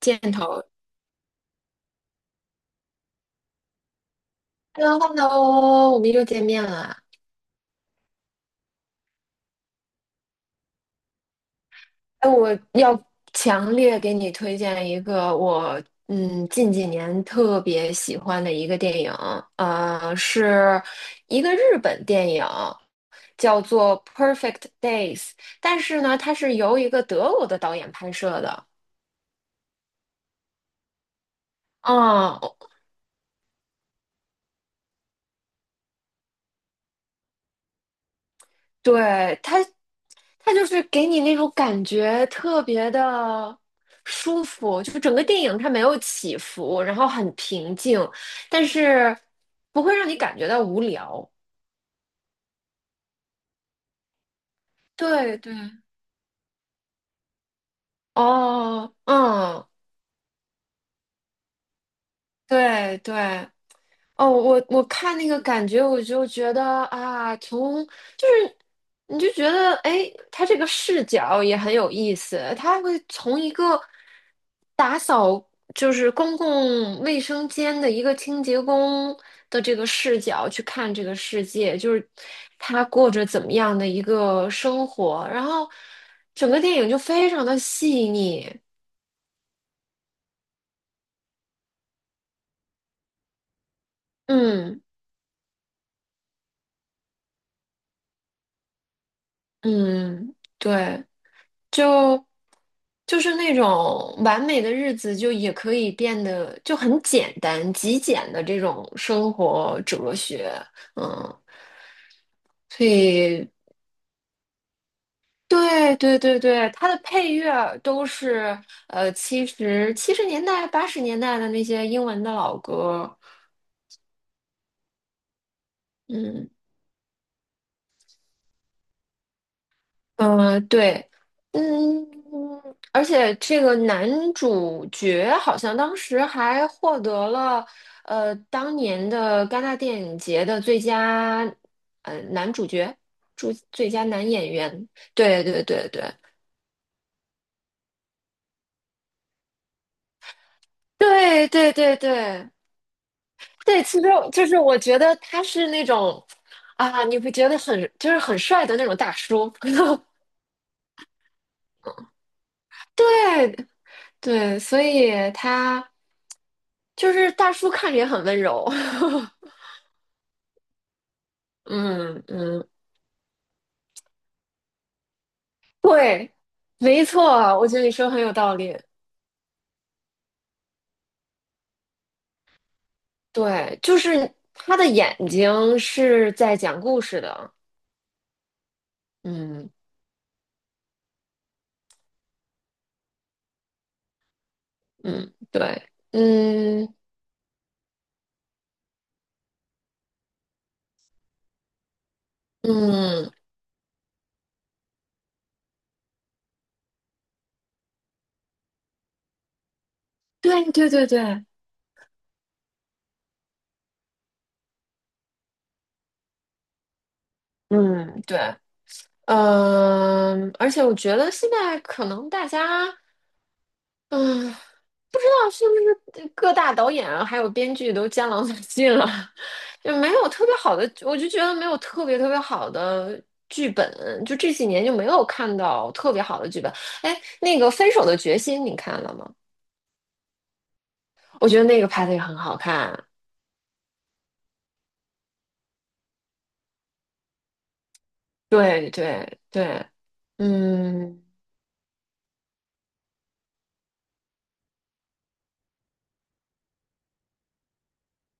箭头。Hello，Hello，我们又见面了。哎，我要强烈给你推荐一个我近几年特别喜欢的一个电影，是一个日本电影，叫做《Perfect Days》,但是呢，它是由一个德国的导演拍摄的。嗯，对，它就是给你那种感觉特别的舒服，就是整个电影它没有起伏，然后很平静，但是不会让你感觉到无聊。对对。哦，嗯，对对，哦，我看那个感觉，我就觉得啊，从就是你就觉得，哎，他这个视角也很有意思，他会从一个打扫就是公共卫生间的一个清洁工的这个视角去看这个世界，就是他过着怎么样的一个生活，然后整个电影就非常的细腻，嗯嗯，对。就就是那种完美的日子，就也可以变得就很简单、极简的这种生活哲学，嗯，所以对对对对，它的配乐都是七十年代、八十年代的那些英文的老歌，嗯。对，嗯，而且这个男主角好像当时还获得了当年的戛纳电影节的呃男主角，最佳男演员。对对对对对对对对对，其实就是我觉得他是那种啊，你会觉得很就是很帅的那种大叔。对对，所以他就是大叔看着也很温柔。嗯嗯，对，没错啊，我觉得你说得很有道理。对，就是他的眼睛是在讲故事的。嗯嗯，对，嗯嗯，对对对对，嗯对，嗯，而且我觉得现在可能大家。嗯，哦是不是各大导演啊还有编剧都江郎才尽了？就没有特别好的，我就觉得没有特别好的剧本，就这几年就没有看到特别好的剧本。哎，那个《分手的决心》你看了吗？我觉得那个拍的也很好看。对对对，嗯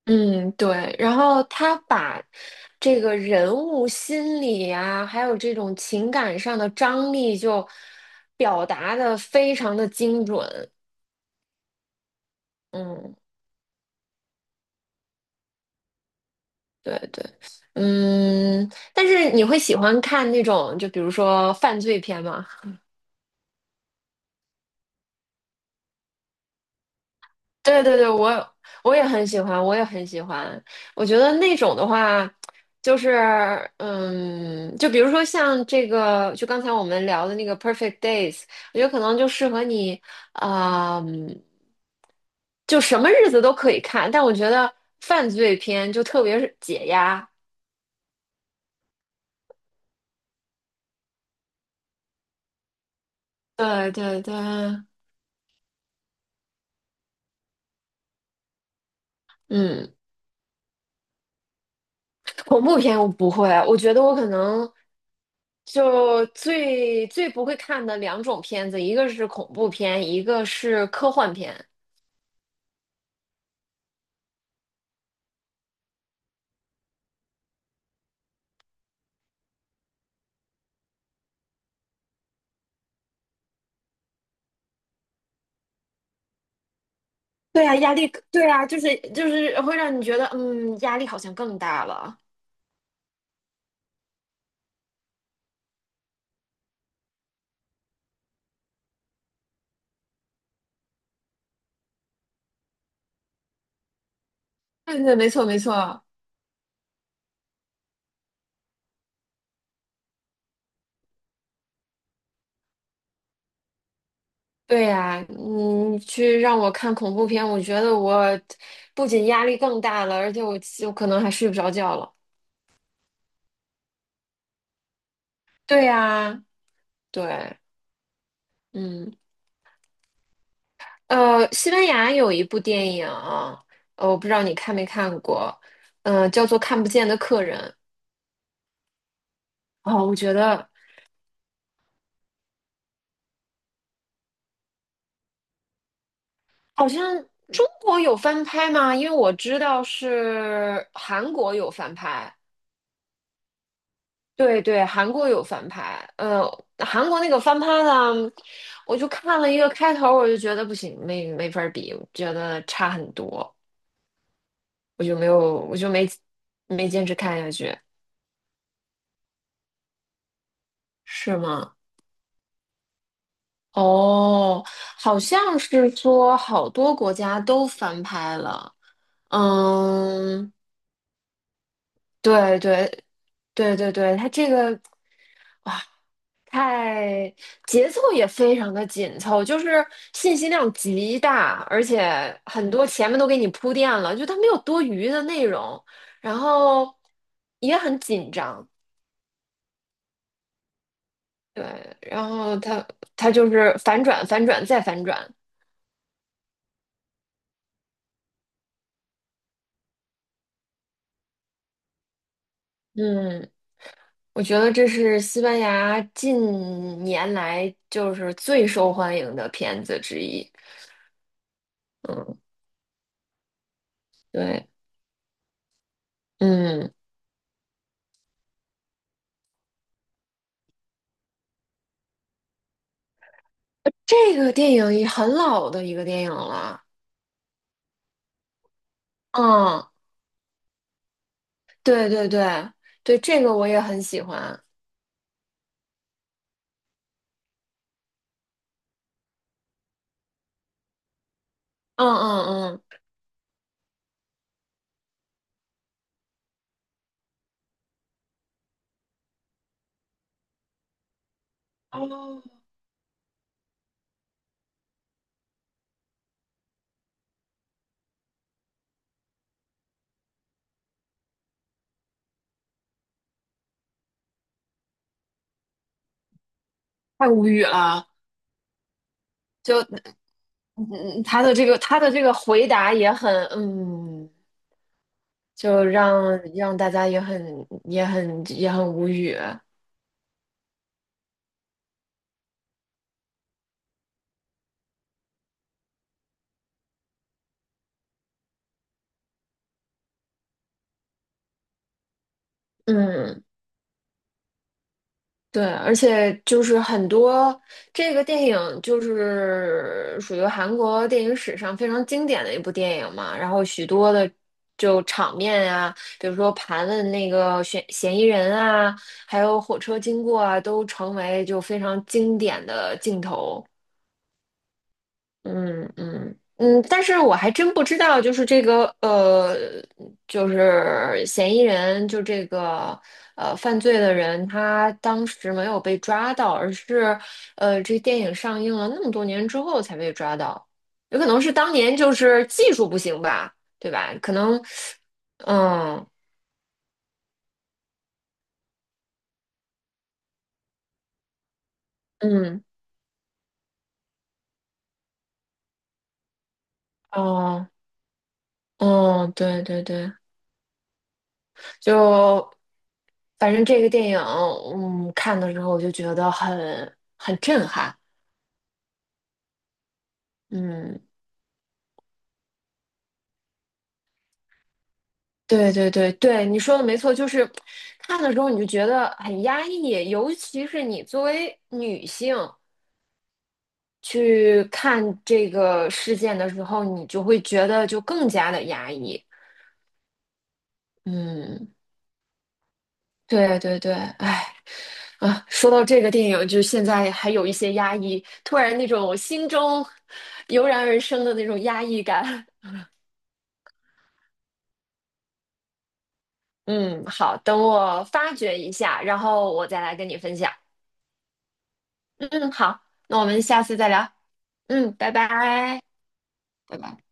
嗯对。然后他把这个人物心理啊，还有这种情感上的张力就表达的非常的精准。嗯，对对，嗯，但是你会喜欢看那种，就比如说犯罪片吗？对对对，我我也很喜欢，我也很喜欢。我觉得那种的话，就是嗯，就比如说像这个，就刚才我们聊的那个《Perfect Days》,我觉得可能就适合你，啊嗯就什么日子都可以看。但我觉得犯罪片就特别是解压。对对对，嗯。恐怖片我不会，我觉得我可能就最不会看的两种片子，一个是恐怖片，一个是科幻片。对啊，压力，对啊，就是会让你觉得，嗯，压力好像更大了。对对，没错没错。对呀，你去让我看恐怖片，我觉得我不仅压力更大了，而且我可能还睡不着觉了。对呀，对，嗯。西班牙有一部电影，我不知道你看没看过，嗯、叫做《看不见的客人》哦，我觉得好像中国有翻拍吗？因为我知道是韩国有翻拍，对对，韩国有翻拍，韩国那个翻拍呢，我就看了一个开头，我就觉得不行，没法儿比，我觉得差很多，我就没有，我就没坚持看下去，是吗？哦，好像是说好多国家都翻拍了。嗯，对对对对对，它这个太节奏也非常的紧凑，就是信息量极大，而且很多前面都给你铺垫了，就它没有多余的内容，然后也很紧张。对，然后它就是反转、反转再反转。嗯。我觉得这是西班牙近年来就是最受欢迎的片子之一。嗯，对，嗯，这个电影也很老的一个电影了。嗯，对对对对，这个我也很喜欢。嗯嗯嗯，哦，太无语了。就嗯，嗯他的这个回答也很嗯，就让让大家也很无语。嗯。对，而且就是很多这个电影就是属于韩国电影史上非常经典的一部电影嘛，然后许多的就场面啊，比如说盘问那个嫌疑人啊，还有火车经过啊，都成为就非常经典的镜头。嗯嗯嗯，但是我还真不知道，就是嫌疑人，就这个呃犯罪的人，他当时没有被抓到，而是这电影上映了那么多年之后才被抓到，有可能是当年就是技术不行吧，对吧？可能，嗯嗯哦哦，对对对，就反正这个电影，嗯，看的时候我就觉得很震撼，嗯，对对对对，你说的没错，就是看的时候你就觉得很压抑，尤其是你作为女性去看这个事件的时候，你就会觉得就更加的压抑，嗯，对对对，哎。啊，说到这个电影，就现在还有一些压抑，突然那种心中 油然而生的那种压抑感。嗯，好，等我发掘一下，然后我再来跟你分享。嗯，好，那我们下次再聊。嗯，拜拜。拜拜。